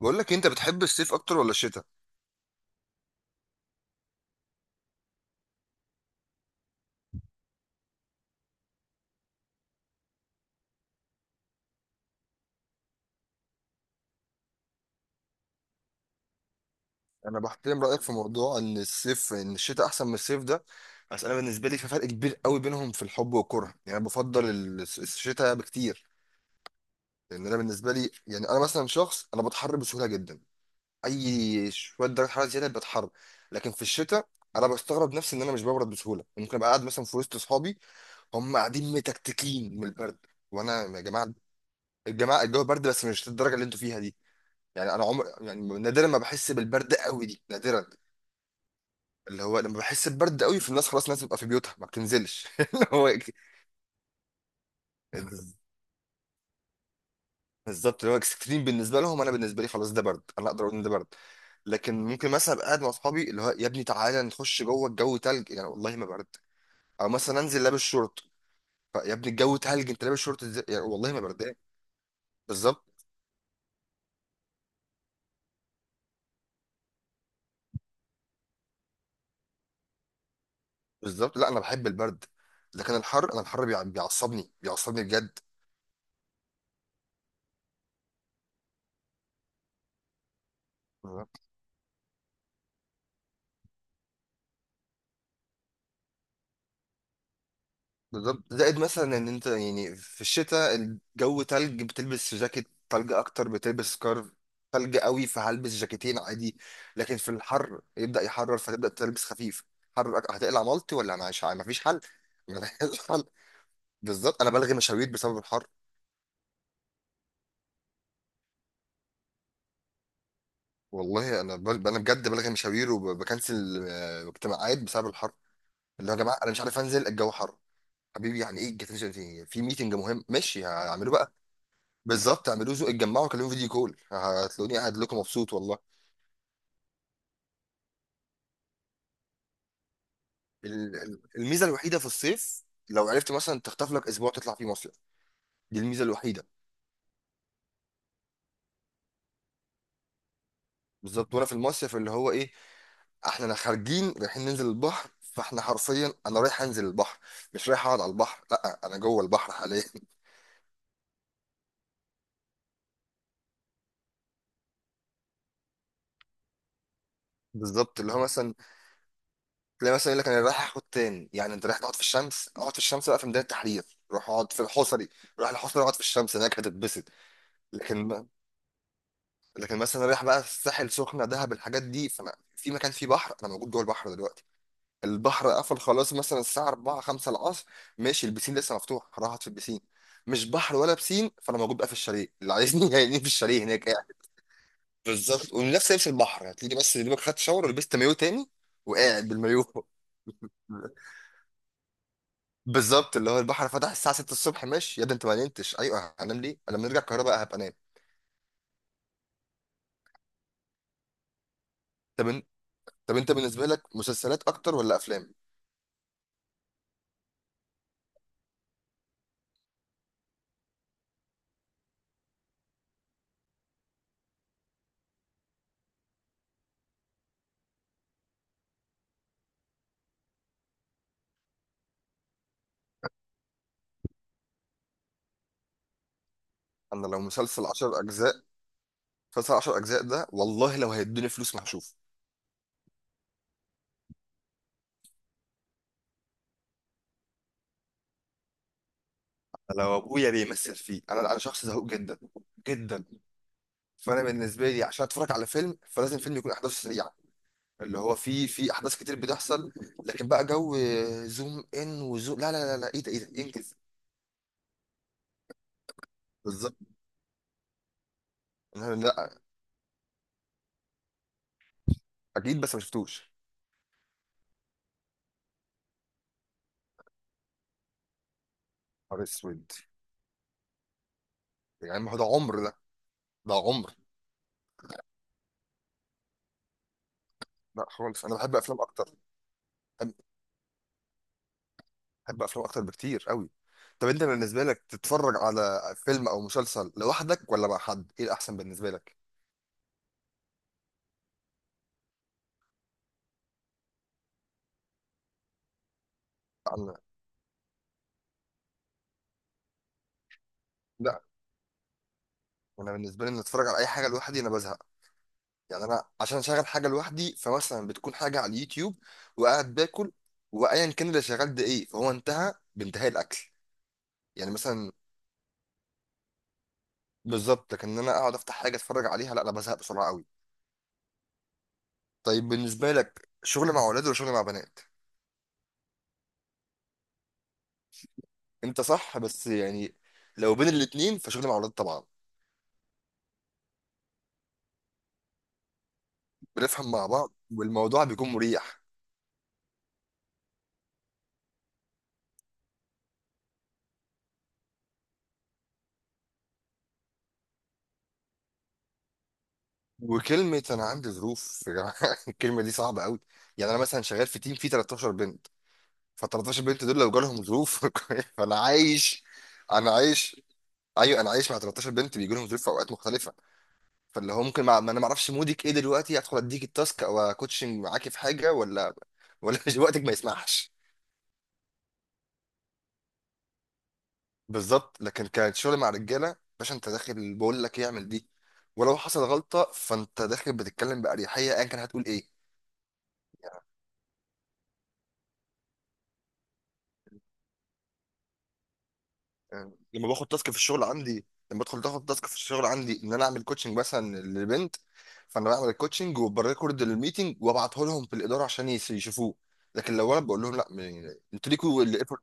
بقول لك إيه، انت بتحب الصيف اكتر ولا الشتاء؟ انا بحترم رايك في موضوع ان الشتاء احسن من الصيف ده. بس انا بالنسبه لي في فرق كبير قوي بينهم في الحب والكره، يعني انا بفضل الشتاء بكتير، لان انا بالنسبه لي يعني انا مثلا شخص انا بتحر بسهوله جدا. اي شويه درجه حراره زياده بتحر. لكن في الشتاء انا بستغرب نفسي ان انا مش ببرد بسهوله. ممكن ابقى قاعد مثلا في وسط اصحابي هم قاعدين متكتكين من البرد، وانا يا جماعه الجماعه الجو برد بس مش الدرجه اللي انتوا فيها دي. يعني انا عمر يعني نادرا ما بحس بالبرد قوي دي، نادرا. اللي هو لما بحس ببرد قوي في الناس خلاص، الناس بتبقى في بيوتها ما بتنزلش. اللي هو بالظبط اللي هو اكستريم بالنسبه لهم. انا بالنسبه لي خلاص، ده برد، انا اقدر اقول ان ده برد. لكن ممكن مثلا ابقى قاعد مع اصحابي اللي هو يا ابني تعالى نخش جوه الجو تلج، يعني والله ما برد. او مثلا انزل لابس شورت. يا ابني الجو تلج انت لابس شورت ازاي؟ يعني والله ما بردان. بالظبط، بالظبط، لا انا بحب البرد. لكن الحر، انا الحر بيعصبني بجد. بالظبط. زائد مثلا ان انت يعني في الشتاء الجو تلج بتلبس في جاكيت، تلج اكتر بتلبس سكارف، تلج قوي فهلبس جاكيتين عادي. لكن في الحر يبدأ يحرر فتبدأ تلبس خفيف. حر هتقلع مالتي؟ ولا مش عارف، مفيش حل. مفيش حل. بالظبط، انا بلغي مشاوير بسبب الحر. والله انا انا بجد بلغي مشاوير وبكنسل اجتماعات بسبب الحر. اللي هو يا جماعه انا مش عارف انزل الجو حر. حبيبي يعني ايه الجاكيت؟ في ميتنج مهم ماشي هعمله بقى. بالظبط، اعملوا اتجمعوا، كلموا فيديو كول، هتلاقوني قاعد لكم مبسوط والله. الميزه الوحيده في الصيف لو عرفت مثلا تخطف لك اسبوع تطلع فيه مصيف، دي الميزه الوحيده. بالظبط. وانا في المصيف اللي هو ايه، احنا خارجين رايحين ننزل البحر، فاحنا حرفيا انا رايح انزل البحر، مش رايح اقعد على البحر، لا، انا جوه البحر حاليا. بالظبط، اللي هو مثلا تلاقي مثلا يقول لك انا رايح اخد تان، يعني انت رايح تقعد في الشمس؟ اقعد في الشمس بقى في ميدان التحرير. روح اقعد في الحصري، روح الحصري اقعد في الشمس هناك، هتتبسط. لكن لكن مثلا رايح بقى الساحل، سخنه، دهب، الحاجات دي، فانا في مكان فيه بحر، انا موجود جوه البحر دلوقتي. البحر قفل خلاص مثلا الساعه 4 5 العصر، ماشي البسين لسه مفتوح، راحت في البسين. مش بحر ولا بسين، فانا موجود بقى في الشاليه اللي عايزني. يعني في الشاليه هناك قاعد. بالظبط، ونفس لبس البحر، هتلاقي بس يا دوبك خدت شاور ولبست مايو تاني وقاعد بالمايو. بالظبط، اللي هو البحر فتح الساعه 6 الصبح، ماشي، يا ده انت ما نمتش؟ ايوه هنام ليه؟ انا لما نرجع القاهره بقى هبقى انام. طب إن- طب انت بالنسبه لك مسلسلات اكتر ولا افلام؟ انا لو مسلسل 10 اجزاء، مسلسل 10 اجزاء ده والله لو هيدوني فلوس ما هشوفه. لو ابويا بيمثل فيه، انا شخص زهوق جدا، جدا. فانا بالنسبه لي عشان اتفرج على فيلم، فلازم فيلم يكون احداثه سريعه، اللي هو فيه في احداث كتير بتحصل. لكن بقى جو زوم ان وزوم، لا لا لا لا، ايه ده ايه ده انجز. بالظبط. لا، لا، اكيد بس ما شفتوش. نهار اسود، يعني ما هو ده عمر ده، ده عمر. لا خالص، انا بحب افلام اكتر، بحب افلام اكتر بكتير قوي. طب انت بالنسبه لك تتفرج على فيلم او مسلسل لوحدك ولا مع حد؟ ايه الاحسن بالنسبه لك؟ انا لا، انا بالنسبه لي ان اتفرج على اي حاجه لوحدي انا بزهق. يعني انا عشان اشغل حاجه لوحدي فمثلا بتكون حاجه على اليوتيوب وقاعد باكل، وايا كان اللي شغال ده ايه فهو انتهى بانتهاء الاكل. يعني مثلا، بالظبط. لكن ان انا اقعد افتح حاجه اتفرج عليها، لا، انا بزهق بسرعه قوي. طيب بالنسبه لك شغل مع اولاد ولا شغل مع بنات؟ انت صح، بس يعني لو بين الاتنين فشغل مع اولاد طبعا. بنفهم مع بعض والموضوع بيكون مريح. وكلمة أنا عندي ظروف، يا جماعة، الكلمة دي صعبة قوي. يعني أنا مثلا شغال في تيم فيه 13 بنت. ف 13 بنت دول لو جالهم ظروف فأنا عايش، أنا عايش. أيوه، أنا عايش مع 13 بنت بيجي لهم ظروف في أوقات مختلفة. فاللي هو ممكن ما أعرفش مودك إيه دلوقتي، أدخل أديك التاسك أو أكوتشنج معاكي في حاجة، ولا ولا وقتك ما يسمحش. بالظبط. لكن كان شغل مع رجاله باشا، انت داخل بقول لك يعمل دي، ولو حصل غلطه فانت داخل بتتكلم باريحيه ايا كان هتقول ايه. يعني لما باخد تاسك في الشغل عندي، لما بدخل تاخد تاسك في الشغل عندي ان انا اعمل كوتشنج مثلا لبنت، فانا بعمل الكوتشنج وبريكورد الميتنج وابعته لهم في الاداره عشان يشوفوه. لكن لو انا بقول لهم لا انتوا ليكوا الايفورت،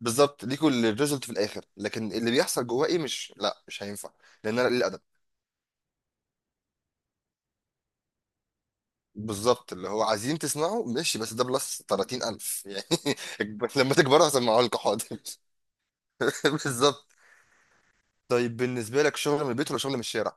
بالظبط، ليكوا الريزلت في الاخر، لكن اللي بيحصل جواه ايه مش هينفع. لان انا بالظبط، اللي هو عايزين تسمعه ماشي بس ده بلس 30000 يعني. لما تكبروا هسمعه لكم، حاضر. بالظبط. طيب بالنسبة لك شغل من البيت ولا شغل من الشارع؟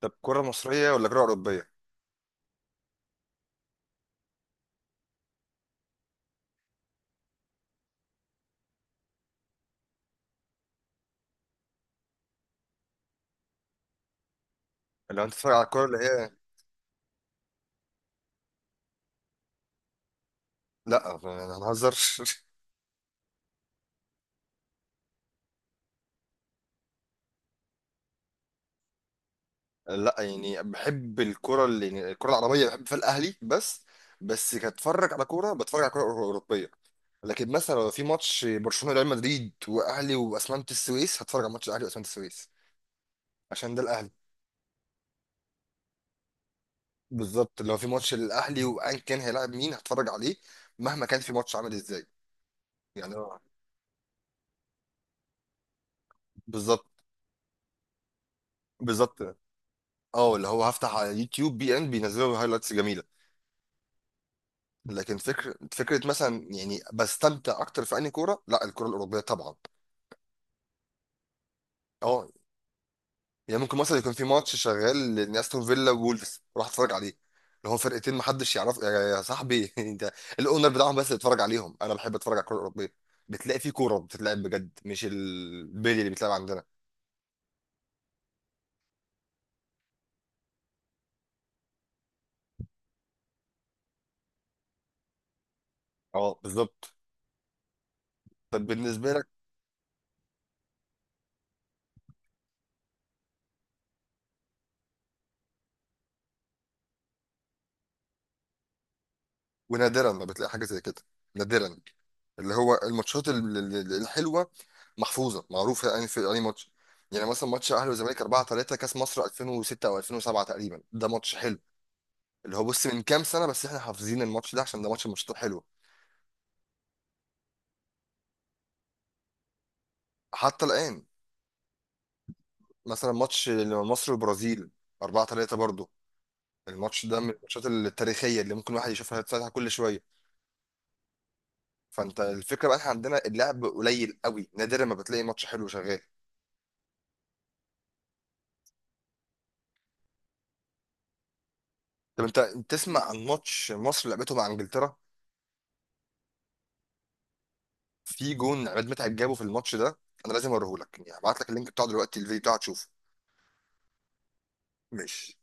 طب كرة مصرية ولا كرة أوروبية؟ لو أنت بتتفرج على الكرة اللي هي، لا، أنا هنهزر. لا، يعني بحب الكرة اللي يعني الكرة العربية بحب فيها الأهلي بس، بس كاتفرج على كورة بتفرج على كرة أوروبية. لكن مثلا لو في ماتش برشلونة ريال مدريد وأهلي وأسمنت السويس، هتفرج على ماتش الأهلي وأسمنت السويس، عشان ده الأهلي. بالظبط، لو في ماتش للاهلي وان كان هيلاعب مين هتفرج عليه، مهما كان في ماتش عامل ازاي. يعني اه، بالظبط، بالظبط. اه، اللي هو هفتح على يوتيوب بي ان بينزلوا هايلايتس جميله. لكن فكره فكره مثلا، يعني بستمتع اكتر في انهي كوره؟ لا الكوره الاوروبيه طبعا. اه، يعني ممكن مثلا يكون في ماتش شغال لاستون فيلا وولفز اروح اتفرج عليه، اللي هو فرقتين محدش يعرف، يا صاحبي، انت الاونر بتاعهم؟ بس اتفرج عليهم، انا بحب اتفرج على الكوره الاوروبيه، بتلاقي في كوره بتتلعب بجد، مش البيلي اللي بيتلعب عندنا. اه بالظبط. طب بالنسبه لك، ونادرا ما بتلاقي حاجه زي كده، نادرا. اللي هو الماتشات الحلوه محفوظه معروفه يعني في اي ماتش. يعني مثلا ماتش اهلي وزمالك 4-3 كاس مصر 2006 او 2007 تقريبا، ده ماتش حلو. اللي هو بص من كام سنه بس احنا حافظين الماتش ده عشان ده ماتش من الماتشات الحلوه حتى الان. مثلا ماتش مصر والبرازيل 4-3 برضه، الماتش ده من الماتشات التاريخيه اللي ممكن واحد يشوفها يتفتح كل شويه. فانت الفكره بقى احنا عندنا اللعب قليل قوي، نادرا ما بتلاقي ماتش حلو شغال. طب انت، تسمع عن ماتش مصر لعبته مع انجلترا؟ في جون عماد متعب جابه في الماتش ده، انا لازم اوريهولك، يعني هبعت لك اللينك بتاعه دلوقتي الفيديو بتاعه تشوفه. ماشي.